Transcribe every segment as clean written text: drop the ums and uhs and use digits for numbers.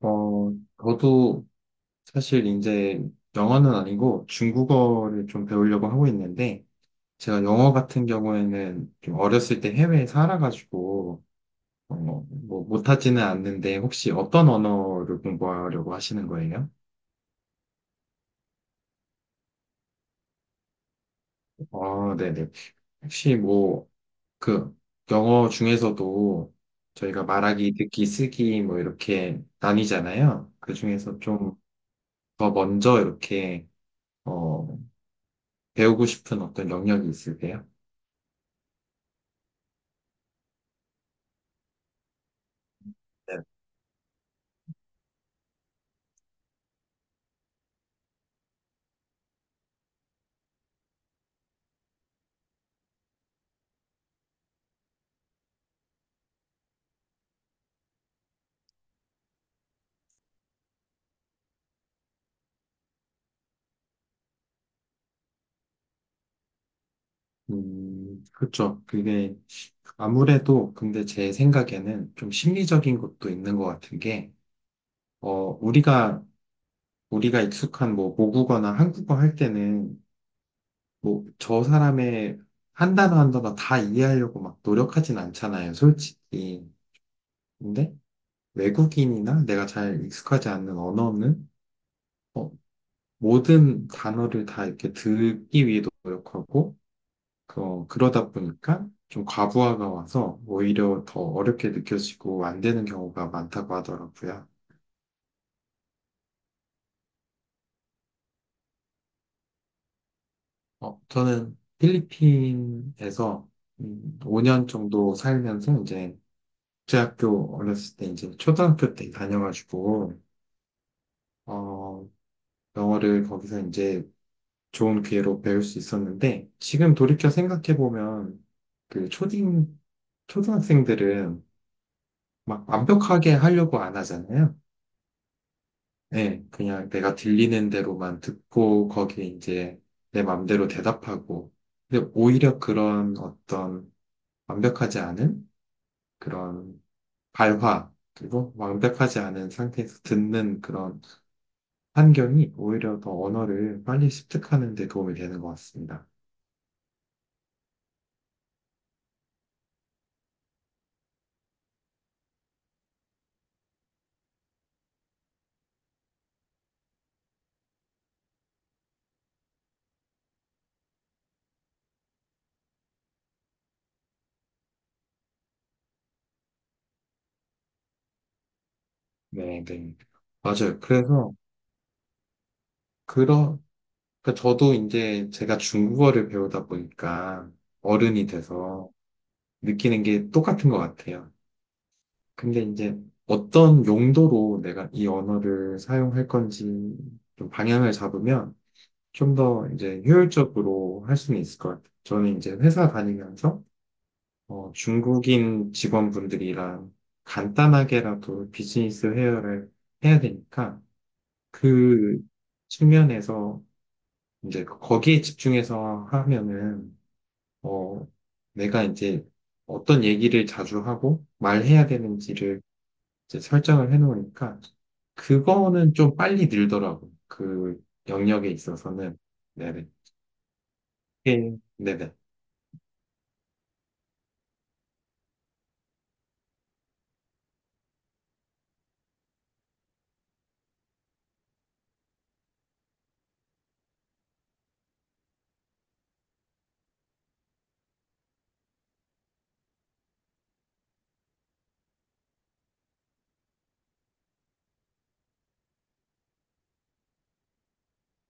어, 저도 사실 이제 영어는 아니고 중국어를 좀 배우려고 하고 있는데, 제가 영어 같은 경우에는 좀 어렸을 때 해외에 살아가지고, 뭐 못하지는 않는데, 혹시 어떤 언어를 공부하려고 하시는 거예요? 아, 네네. 혹시 뭐, 그, 영어 중에서도 저희가 말하기, 듣기, 쓰기, 뭐, 이렇게 나뉘잖아요. 그 중에서 좀 더 먼저 이렇게, 어, 배우고 싶은 어떤 영역이 있으세요? 네. 그렇죠. 그게 아무래도 근데 제 생각에는 좀 심리적인 것도 있는 것 같은 게, 어, 우리가, 우리가 익숙한 뭐 모국어나 한국어 할 때는 뭐 저 사람의 한 단어 한 단어 다 이해하려고 막 노력하진 않잖아요, 솔직히. 근데 외국인이나 내가 잘 익숙하지 않는 언어는 어, 모든 단어를 다 이렇게 듣기 위해 노력하고, 그러다 보니까 좀 과부하가 와서 오히려 더 어렵게 느껴지고 안 되는 경우가 많다고 하더라고요. 저는 필리핀에서 5년 정도 살면서 이제 국제학교 어렸을 때 이제 초등학교 때 다녀가지고 어, 영어를 거기서 이제 좋은 기회로 배울 수 있었는데 지금 돌이켜 생각해 보면 그 초딩 초등학생들은 막 완벽하게 하려고 안 하잖아요. 네, 그냥 내가 들리는 대로만 듣고 거기에 이제 내 맘대로 대답하고. 근데 오히려 그런 어떤 완벽하지 않은 그런 발화, 그리고 완벽하지 않은 상태에서 듣는 그런 환경이 오히려 더 언어를 빨리 습득하는 데 도움이 되는 것 같습니다. 네, 네. 맞아요. 그러, 그러니까 저도 이제 제가 중국어를 배우다 보니까 어른이 돼서 느끼는 게 똑같은 것 같아요. 근데 이제 어떤 용도로 내가 이 언어를 사용할 건지 좀 방향을 잡으면 좀 더 이제 효율적으로 할 수는 있을 것 같아요. 저는 이제 회사 다니면서 중국인 직원분들이랑 간단하게라도 비즈니스 회화를 해야 되니까 그 측면에서 이제 거기에 집중해서 하면은 어, 내가 이제 어떤 얘기를 자주 하고 말해야 되는지를 이제 설정을 해놓으니까 그거는 좀 빨리 늘더라고. 그 영역에 있어서는. 네네. 예. 네네.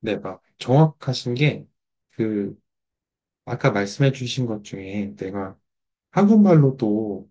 네, 막 정확하신 게, 그, 아까 말씀해 주신 것 중에 내가 한국말로도,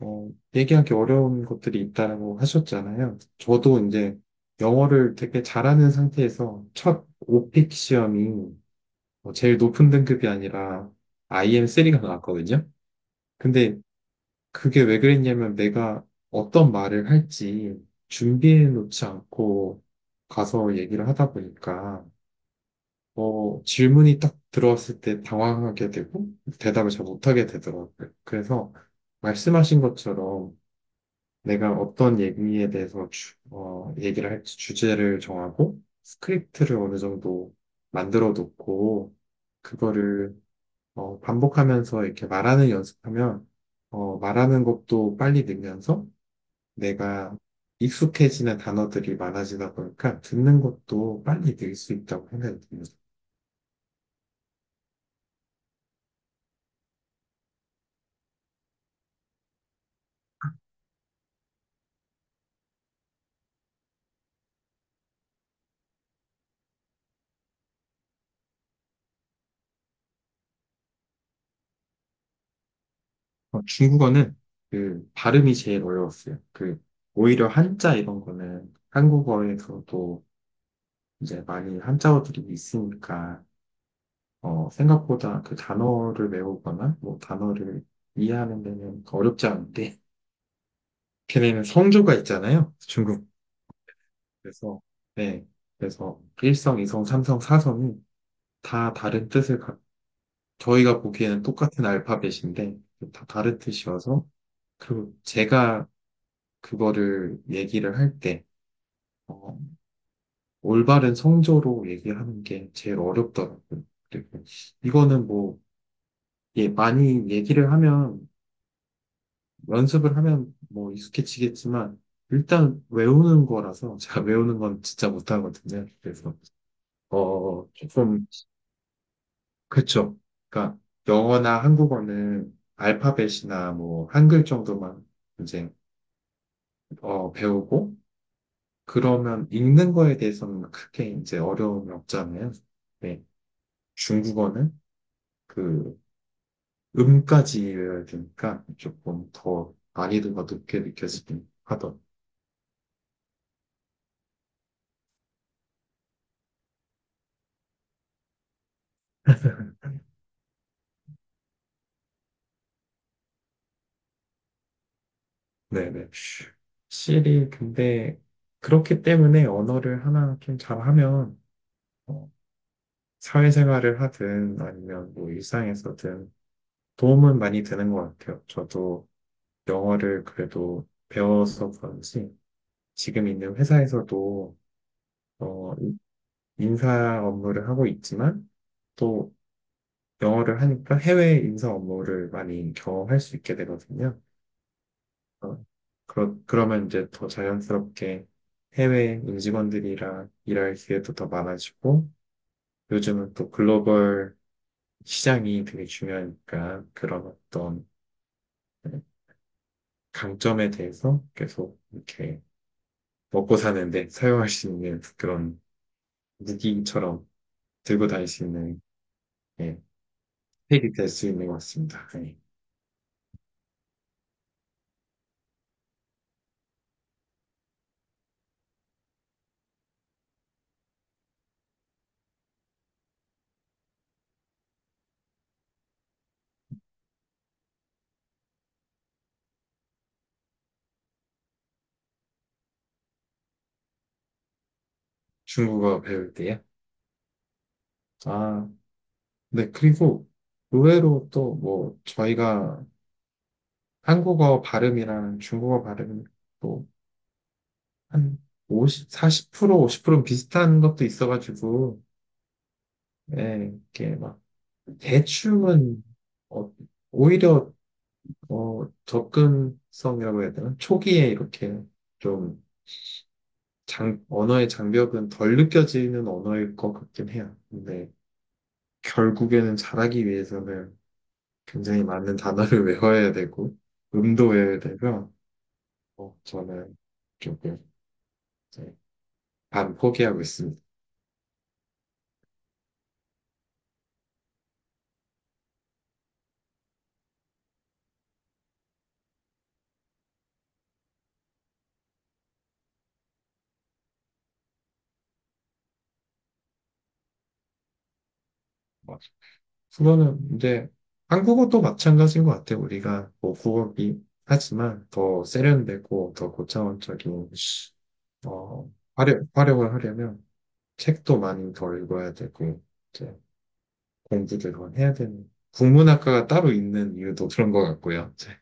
어, 얘기하기 어려운 것들이 있다고 하셨잖아요. 저도 이제 영어를 되게 잘하는 상태에서 첫 오픽 시험이 뭐 제일 높은 등급이 아니라 IM3가 나왔거든요. 근데 그게 왜 그랬냐면 내가 어떤 말을 할지 준비해 놓지 않고 가서 얘기를 하다 보니까 질문이 딱 들어왔을 때 당황하게 되고 대답을 잘 못하게 되더라고요. 그래서 말씀하신 것처럼 내가 어떤 얘기에 대해서 얘기를 할지 주제를 정하고 스크립트를 어느 정도 만들어 놓고 그거를 반복하면서 이렇게 말하는 연습하면 말하는 것도 빨리 늘면서 내가 익숙해지는 단어들이 많아지다 보니까 듣는 것도 빨리 늘 수 있다고 생각이 듭니다. 중국어는 그 발음이 제일 어려웠어요. 그 오히려 한자 이런 거는 한국어에서도 이제 많이 한자어들이 있으니까 생각보다 그 단어를 외우거나 뭐 단어를 이해하는 데는 어렵지 않은데 걔네는 성조가 있잖아요. 중국. 그래서 네. 그래서 일성이성삼성사성이다 다른 뜻을 저희가 보기에는 똑같은 알파벳인데 다 다른 뜻이 와서 그리고 제가 그거를 얘기를 할 때 어, 올바른 성조로 얘기하는 게 제일 어렵더라고요. 그리고 이거는 뭐 예, 많이 얘기를 하면 연습을 하면 뭐 익숙해지겠지만 일단 외우는 거라서 제가 외우는 건 진짜 못하거든요. 그래서 조금 그렇죠. 그러니까 영어나 한국어는 알파벳이나 뭐 한글 정도만 이제 배우고, 그러면 읽는 거에 대해서는 크게 이제 어려움이 없잖아요. 네. 중국어는 그 음까지 외워야 되니까 조금 더 난이도가 높게 느껴지긴 하던. 네네. 확실히 근데 그렇기 때문에 언어를 하나 좀 잘하면 어, 사회생활을 하든 아니면 뭐 일상에서든 도움은 많이 되는 것 같아요. 저도 영어를 그래도 배워서 그런지 지금 있는 회사에서도 어, 인사 업무를 하고 있지만 또 영어를 하니까 해외 인사 업무를 많이 경험할 수 있게 되거든요. 어, 그러면 이제 더 자연스럽게 해외 임직원들이랑 일할 기회도 더 많아지고 요즘은 또 글로벌 시장이 되게 중요하니까 그런 어떤 강점에 대해서 계속 이렇게 먹고 사는데 사용할 수 있는 그런 무기처럼 들고 다닐 수 있는 예, 팩이 될 수 있는 것 같습니다. 예. 중국어 배울 때요? 아, 네. 그리고 의외로 또 뭐 저희가 한국어 발음이랑 중국어 발음이 또한 40%, 50%는 비슷한 것도 있어가지고, 예, 이렇게 막 대충은 어, 오히려 접근성이라고 해야 되나? 초기에 이렇게 좀 언어의 장벽은 덜 느껴지는 언어일 것 같긴 해요. 근데 결국에는 잘하기 위해서는 굉장히 많은 단어를 외워야 되고, 음도 외워야 되고요. 저는 조금 이제 반 포기하고 있습니다. 맞 국어는 이제 한국어도 마찬가지인 것 같아요. 우리가 뭐 국어기 하지만 더 세련되고 더 고차원적인 활용을 하려면 책도 많이 더 읽어야 되고 이제 공부를 더 해야 되는 국문학과가 따로 있는 이유도 그런 것 같고요. 이제.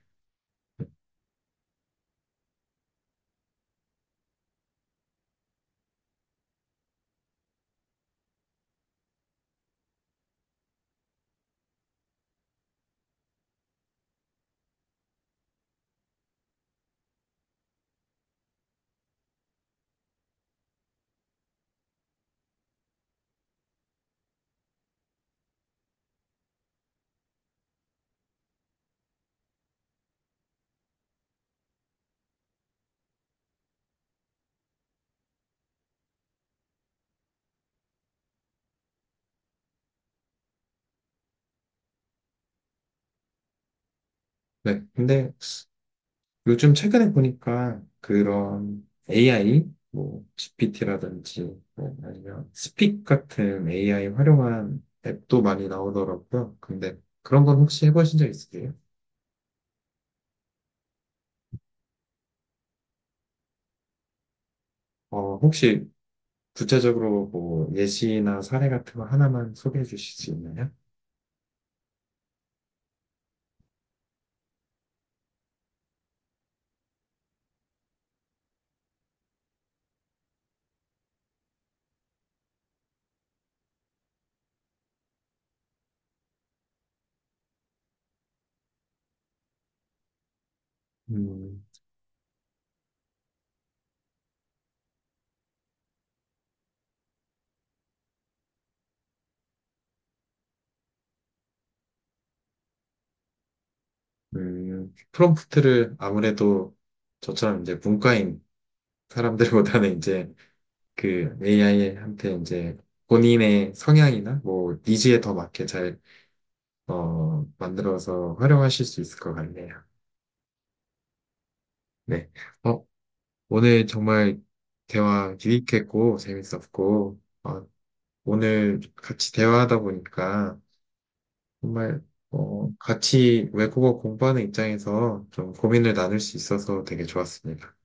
네, 근데 요즘 최근에 보니까 그런 AI, 뭐 GPT라든지 뭐 아니면 스픽 같은 AI 활용한 앱도 많이 나오더라고요. 근데 그런 건 혹시 해보신 적 있으세요? 혹시 구체적으로 뭐 예시나 사례 같은 거 하나만 소개해 주실 수 있나요? 음, 프롬프트를 아무래도 저처럼 이제 문과인 사람들보다는 이제 그 AI한테 이제 본인의 성향이나 뭐 니즈에 더 맞게 잘 만들어서 활용하실 수 있을 것 같네요. 네. 어, 오늘 정말 대화 유익했고, 재밌었고, 오늘 같이 대화하다 보니까 정말, 같이 외국어 공부하는 입장에서 좀 고민을 나눌 수 있어서 되게 좋았습니다.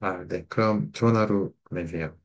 아, 네. 그럼 좋은 하루 보내세요.